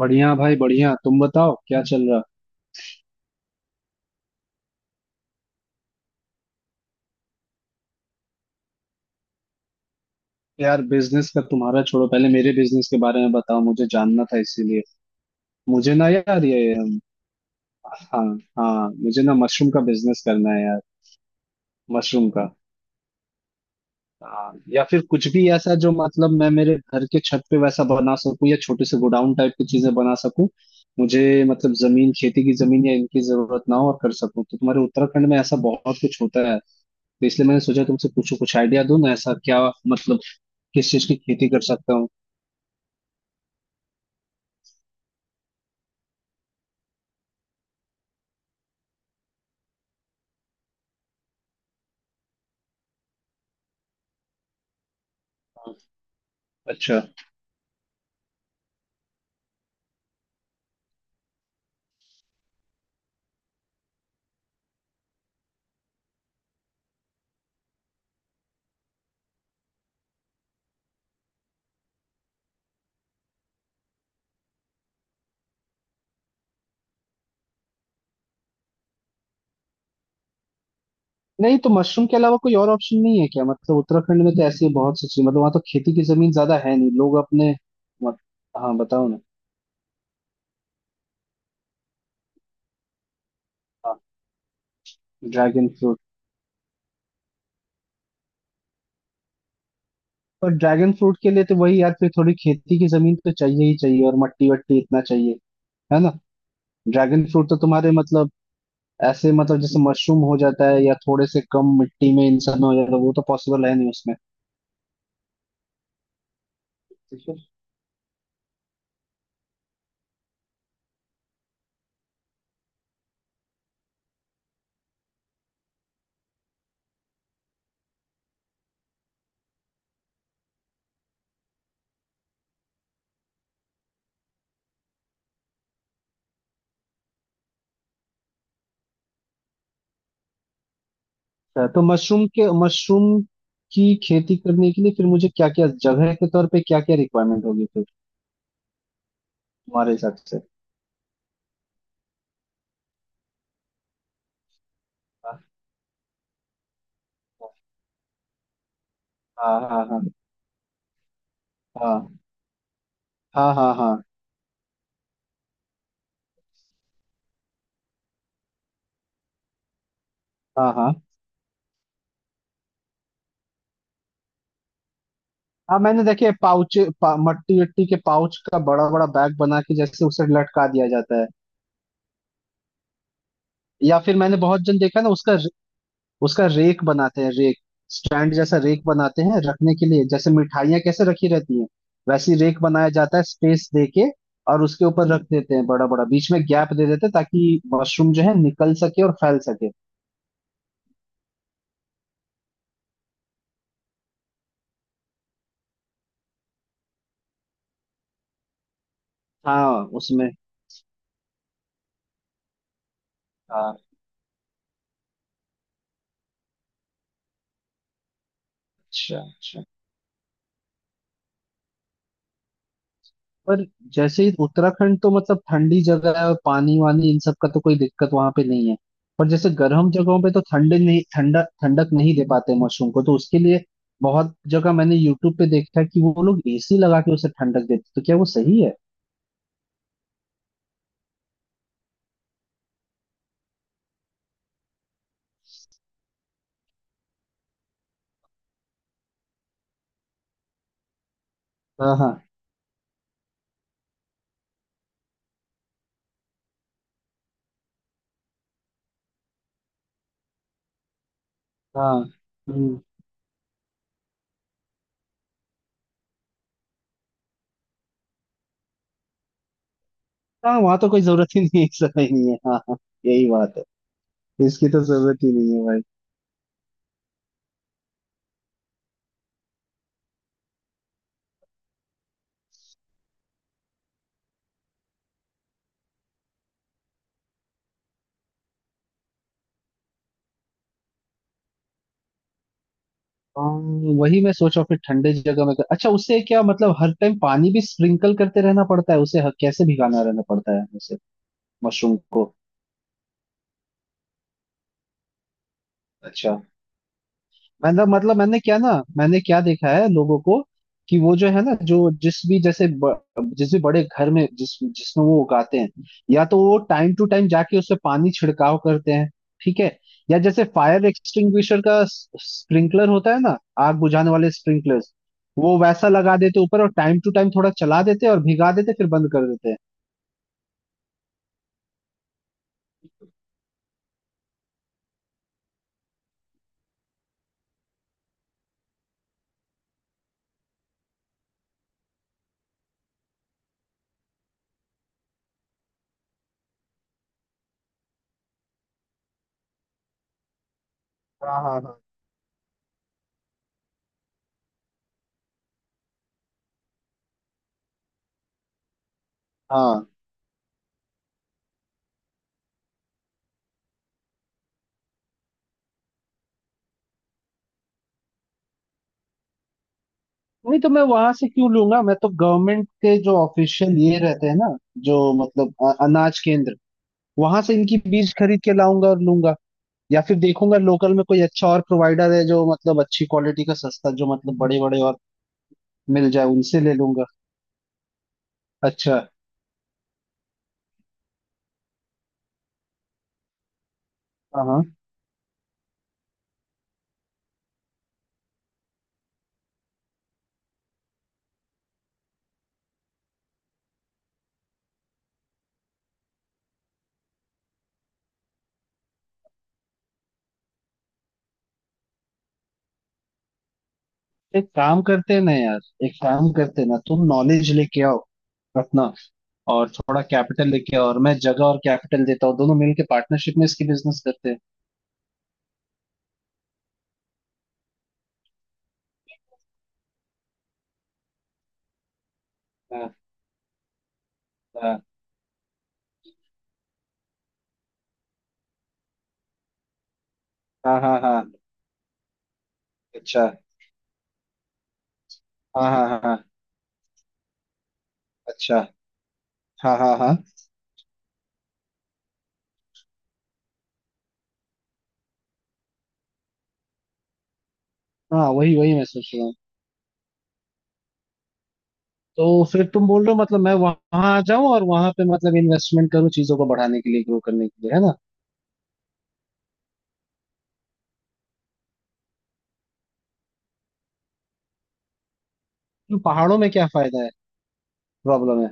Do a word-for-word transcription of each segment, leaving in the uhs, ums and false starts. बढ़िया भाई, बढ़िया। तुम बताओ क्या चल रहा। यार, बिजनेस का तुम्हारा छोड़ो, पहले मेरे बिजनेस के बारे में बताओ। मुझे जानना था इसीलिए। मुझे ना यार ये। हाँ। हाँ, मुझे ना मशरूम का बिजनेस करना है यार। मशरूम का। हाँ, या फिर कुछ भी ऐसा जो मतलब मैं मेरे घर के छत पे वैसा बना सकूं या छोटे से गोडाउन टाइप की चीजें बना सकूं। मुझे मतलब जमीन, खेती की जमीन या इनकी जरूरत ना हो और कर सकूं, तो तुम्हारे उत्तराखंड में ऐसा बहुत कुछ होता है, तो इसलिए मैंने सोचा तुमसे पूछूं कुछ आइडिया दूं ना ऐसा, क्या मतलब किस चीज की खेती कर सकता हूँ। अच्छा। नहीं तो मशरूम के अलावा कोई और ऑप्शन नहीं है क्या। मतलब उत्तराखंड में तो ऐसी बहुत सी चीज, मतलब वहाँ तो खेती की जमीन ज्यादा है नहीं लोग अपने। मत, हाँ बताओ ना। हाँ, ड्रैगन फ्रूट। पर ड्रैगन फ्रूट के लिए तो वही यार, फिर थोड़ी खेती की जमीन तो चाहिए ही चाहिए और मट्टी वट्टी इतना चाहिए। है ना। ड्रैगन फ्रूट तो तुम्हारे मतलब ऐसे, मतलब जैसे मशरूम हो जाता है या थोड़े से कम मिट्टी में इंसान हो जाता है, वो तो पॉसिबल है नहीं उसमें। अच्छा। तो मशरूम के मशरूम की खेती करने के लिए फिर मुझे क्या क्या जगह के तौर पे, क्या क्या रिक्वायरमेंट होगी फिर तुम्हारे हिसाब से। हाँ, हाँ, हाँ, हाँ, हाँ, हाँ, हाँ, हाँ, हाँ, हाँ। हाँ मैंने देखे, पाउच पा, मट्टी वट्टी के पाउच का बड़ा बड़ा बैग बना के जैसे उसे लटका दिया जाता है। या फिर मैंने बहुत जन देखा ना उसका। उसका रेक बनाते हैं, रेक। स्टैंड जैसा रेक बनाते हैं रखने के लिए, जैसे मिठाइयाँ कैसे रखी रहती हैं। वैसी रेक बनाया जाता है स्पेस दे के। और उसके ऊपर रख देते हैं, बड़ा बड़ा बीच में गैप दे देते हैं ताकि मशरूम जो है निकल सके और फैल सके। हाँ उसमें। हाँ। अच्छा अच्छा। पर जैसे ही उत्तराखंड तो मतलब ठंडी जगह है, और पानी वानी इन सब का तो कोई दिक्कत वहां पे नहीं है। पर जैसे गर्म जगहों पे तो ठंडे नहीं, ठंडा ठंडक नहीं दे पाते मशरूम को, तो उसके लिए बहुत जगह मैंने यूट्यूब पे देखा है कि वो लोग एसी लगा के उसे ठंडक देते, तो क्या वो सही है। हाँ, हाँ, हाँ। हम्म। हाँ वहां तो कोई जरूरत ही नहीं है, ऐसा ही नहीं है। हाँ, हाँ। यही बात है। इसकी तो जरूरत ही नहीं है भाई। हाँ, वही मैं सोच रहा हूँ फिर ठंडे जगह में कर, अच्छा उससे क्या मतलब, हर टाइम पानी भी स्प्रिंकल करते रहना पड़ता है उसे, ह- कैसे भिगाना रहना पड़ता है उसे मशरूम को। अच्छा मतलब मतलब मैंने क्या ना, मैंने क्या देखा है लोगों को, कि वो जो है ना, जो जिस भी जैसे ब, जिस भी बड़े घर में जिस जिसमें वो उगाते हैं, या तो वो टाइम टू टाइम जाके उससे पानी छिड़काव करते हैं। ठीक है। या जैसे फायर एक्सटिंग्विशर का स्प्रिंकलर होता है ना, आग बुझाने वाले स्प्रिंकलर्स, वो वैसा लगा देते ऊपर और टाइम टू टाइम थोड़ा चला देते हैं और भिगा देते, फिर बंद कर देते हैं। हाँ, हाँ, हाँ, हाँ। नहीं तो मैं वहां से क्यों लूंगा, मैं तो गवर्नमेंट के जो ऑफिशियल ये रहते हैं ना, जो मतलब अ- अनाज केंद्र, वहां से इनकी बीज खरीद के लाऊंगा और लूंगा। या फिर देखूंगा लोकल में कोई अच्छा और प्रोवाइडर है जो मतलब अच्छी क्वालिटी का सस्ता, जो मतलब बड़े बड़े और मिल जाए, उनसे ले लूंगा। अच्छा। हाँ हाँ। एक काम करते हैं ना यार, एक काम करते हैं ना, तुम नॉलेज लेके आओ अपना, और थोड़ा कैपिटल लेके आओ, और मैं जगह और कैपिटल देता हूँ, दोनों मिलके पार्टनरशिप में इसकी बिजनेस करते हैं। हाँ, हाँ, हाँ, हाँ, हाँ, अच्छा। हाँ, हाँ, हाँ, हाँ, अच्छा। हाँ, हाँ, हाँ, हाँ, वही वही मैं सोच रहा हूँ। तो फिर तुम बोल रहे हो मतलब मैं वहां आ जाऊं, और वहां पे मतलब इन्वेस्टमेंट करूं चीजों को बढ़ाने के लिए, ग्रो करने के लिए, है ना। तो पहाड़ों में क्या फायदा है, प्रॉब्लम है।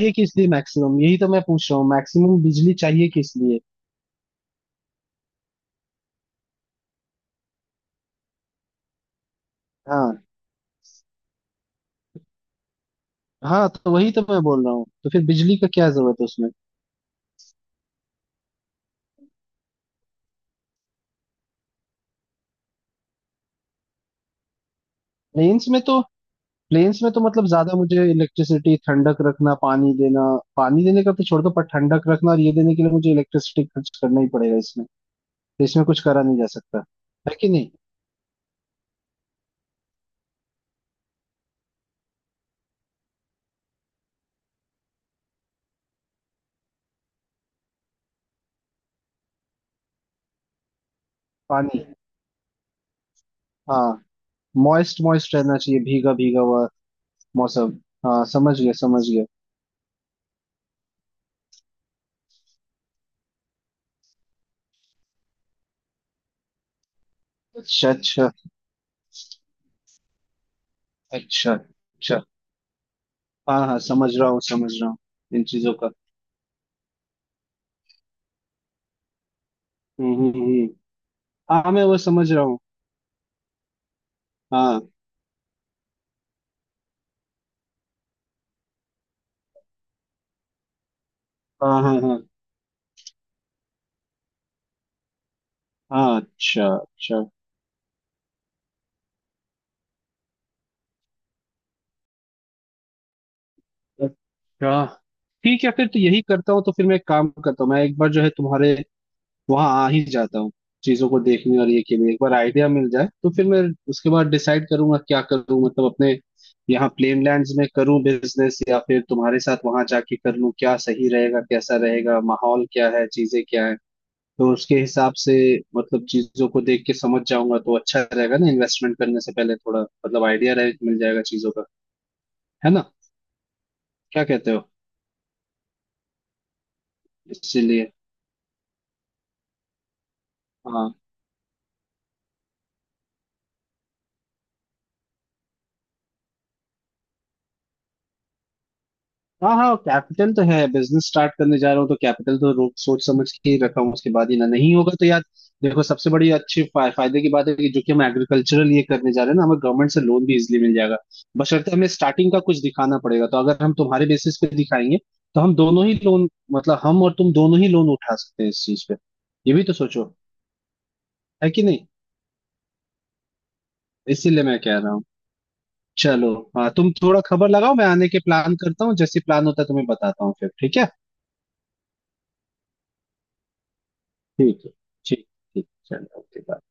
ये किस लिए मैक्सिमम, यही तो मैं पूछ रहा हूँ, मैक्सिमम बिजली चाहिए किस लिए। हाँ, हाँ, तो वही तो मैं बोल रहा हूँ, तो फिर बिजली का क्या जरूरत है उसमें। प्लेन्स में तो प्लेन्स में तो मतलब ज्यादा मुझे इलेक्ट्रिसिटी, ठंडक रखना, पानी देना। पानी देने का तो छोड़ दो, पर ठंडक रखना और ये देने के लिए मुझे इलेक्ट्रिसिटी खर्च करना ही पड़ेगा इसमें। तो इसमें कुछ करा नहीं जा सकता, है कि नहीं। पानी। हाँ, मॉइस्ट मॉइस्ट रहना चाहिए, भीगा भीगा हुआ मौसम। हाँ समझ गया, समझ गया। अच्छा अच्छा। अच्छा अच्छा, हाँ हाँ, समझ रहा हूँ, समझ रहा हूँ। इन चीजों का। हम्म, हम्म, हम्म। हाँ, मैं वो समझ रहा हूँ। हाँ, हाँ, हाँ, हाँ, हाँ, अच्छा, अच्छा, अच्छा। ठीक है, फिर तो यही करता हूँ, तो फिर मैं एक काम करता हूँ, मैं एक बार जो है तुम्हारे वहां आ ही जाता हूँ, चीजों को देखने, और ये के लिए एक बार आइडिया मिल जाए, तो फिर मैं उसके बाद डिसाइड करूंगा क्या करूँ, मतलब अपने यहाँ प्लेन लैंड्स में करूँ बिजनेस, या फिर तुम्हारे साथ वहां जाके कर लूँ, क्या सही रहेगा, कैसा रहेगा, माहौल क्या है, चीजें क्या है। तो उसके हिसाब से मतलब चीजों को देख के समझ जाऊंगा, तो अच्छा रहेगा ना, इन्वेस्टमेंट करने से पहले थोड़ा मतलब आइडिया रहे, मिल जाएगा चीजों का, है ना। क्या कहते हो। इसीलिए। हाँ। हाँ हाँ, कैपिटल तो है, बिजनेस स्टार्ट करने जा रहा हूँ तो कैपिटल तो रो- सोच समझ के ही रखा हूँ, उसके बाद ही ना, नहीं होगा तो यार। देखो, सबसे बड़ी अच्छी फा, फायदे की बात है कि जो कि हम एग्रीकल्चरल ये करने जा रहे हैं ना, हमें गवर्नमेंट से लोन भी इजिली मिल जाएगा। बशर्ते हमें स्टार्टिंग का कुछ दिखाना पड़ेगा, तो अगर हम तुम्हारे बेसिस पे दिखाएंगे, तो हम दोनों ही लोन, मतलब हम और तुम दोनों ही लोन उठा सकते हैं इस चीज पे। ये भी तो सोचो, है कि नहीं, इसीलिए मैं कह रहा हूँ। चलो। हाँ, तुम थोड़ा खबर लगाओ, मैं आने के प्लान करता हूँ, जैसे प्लान होता है तुम्हें बताता हूँ फिर, ठीक है। ठीक है। ठीक। ठीक चलो, ओके।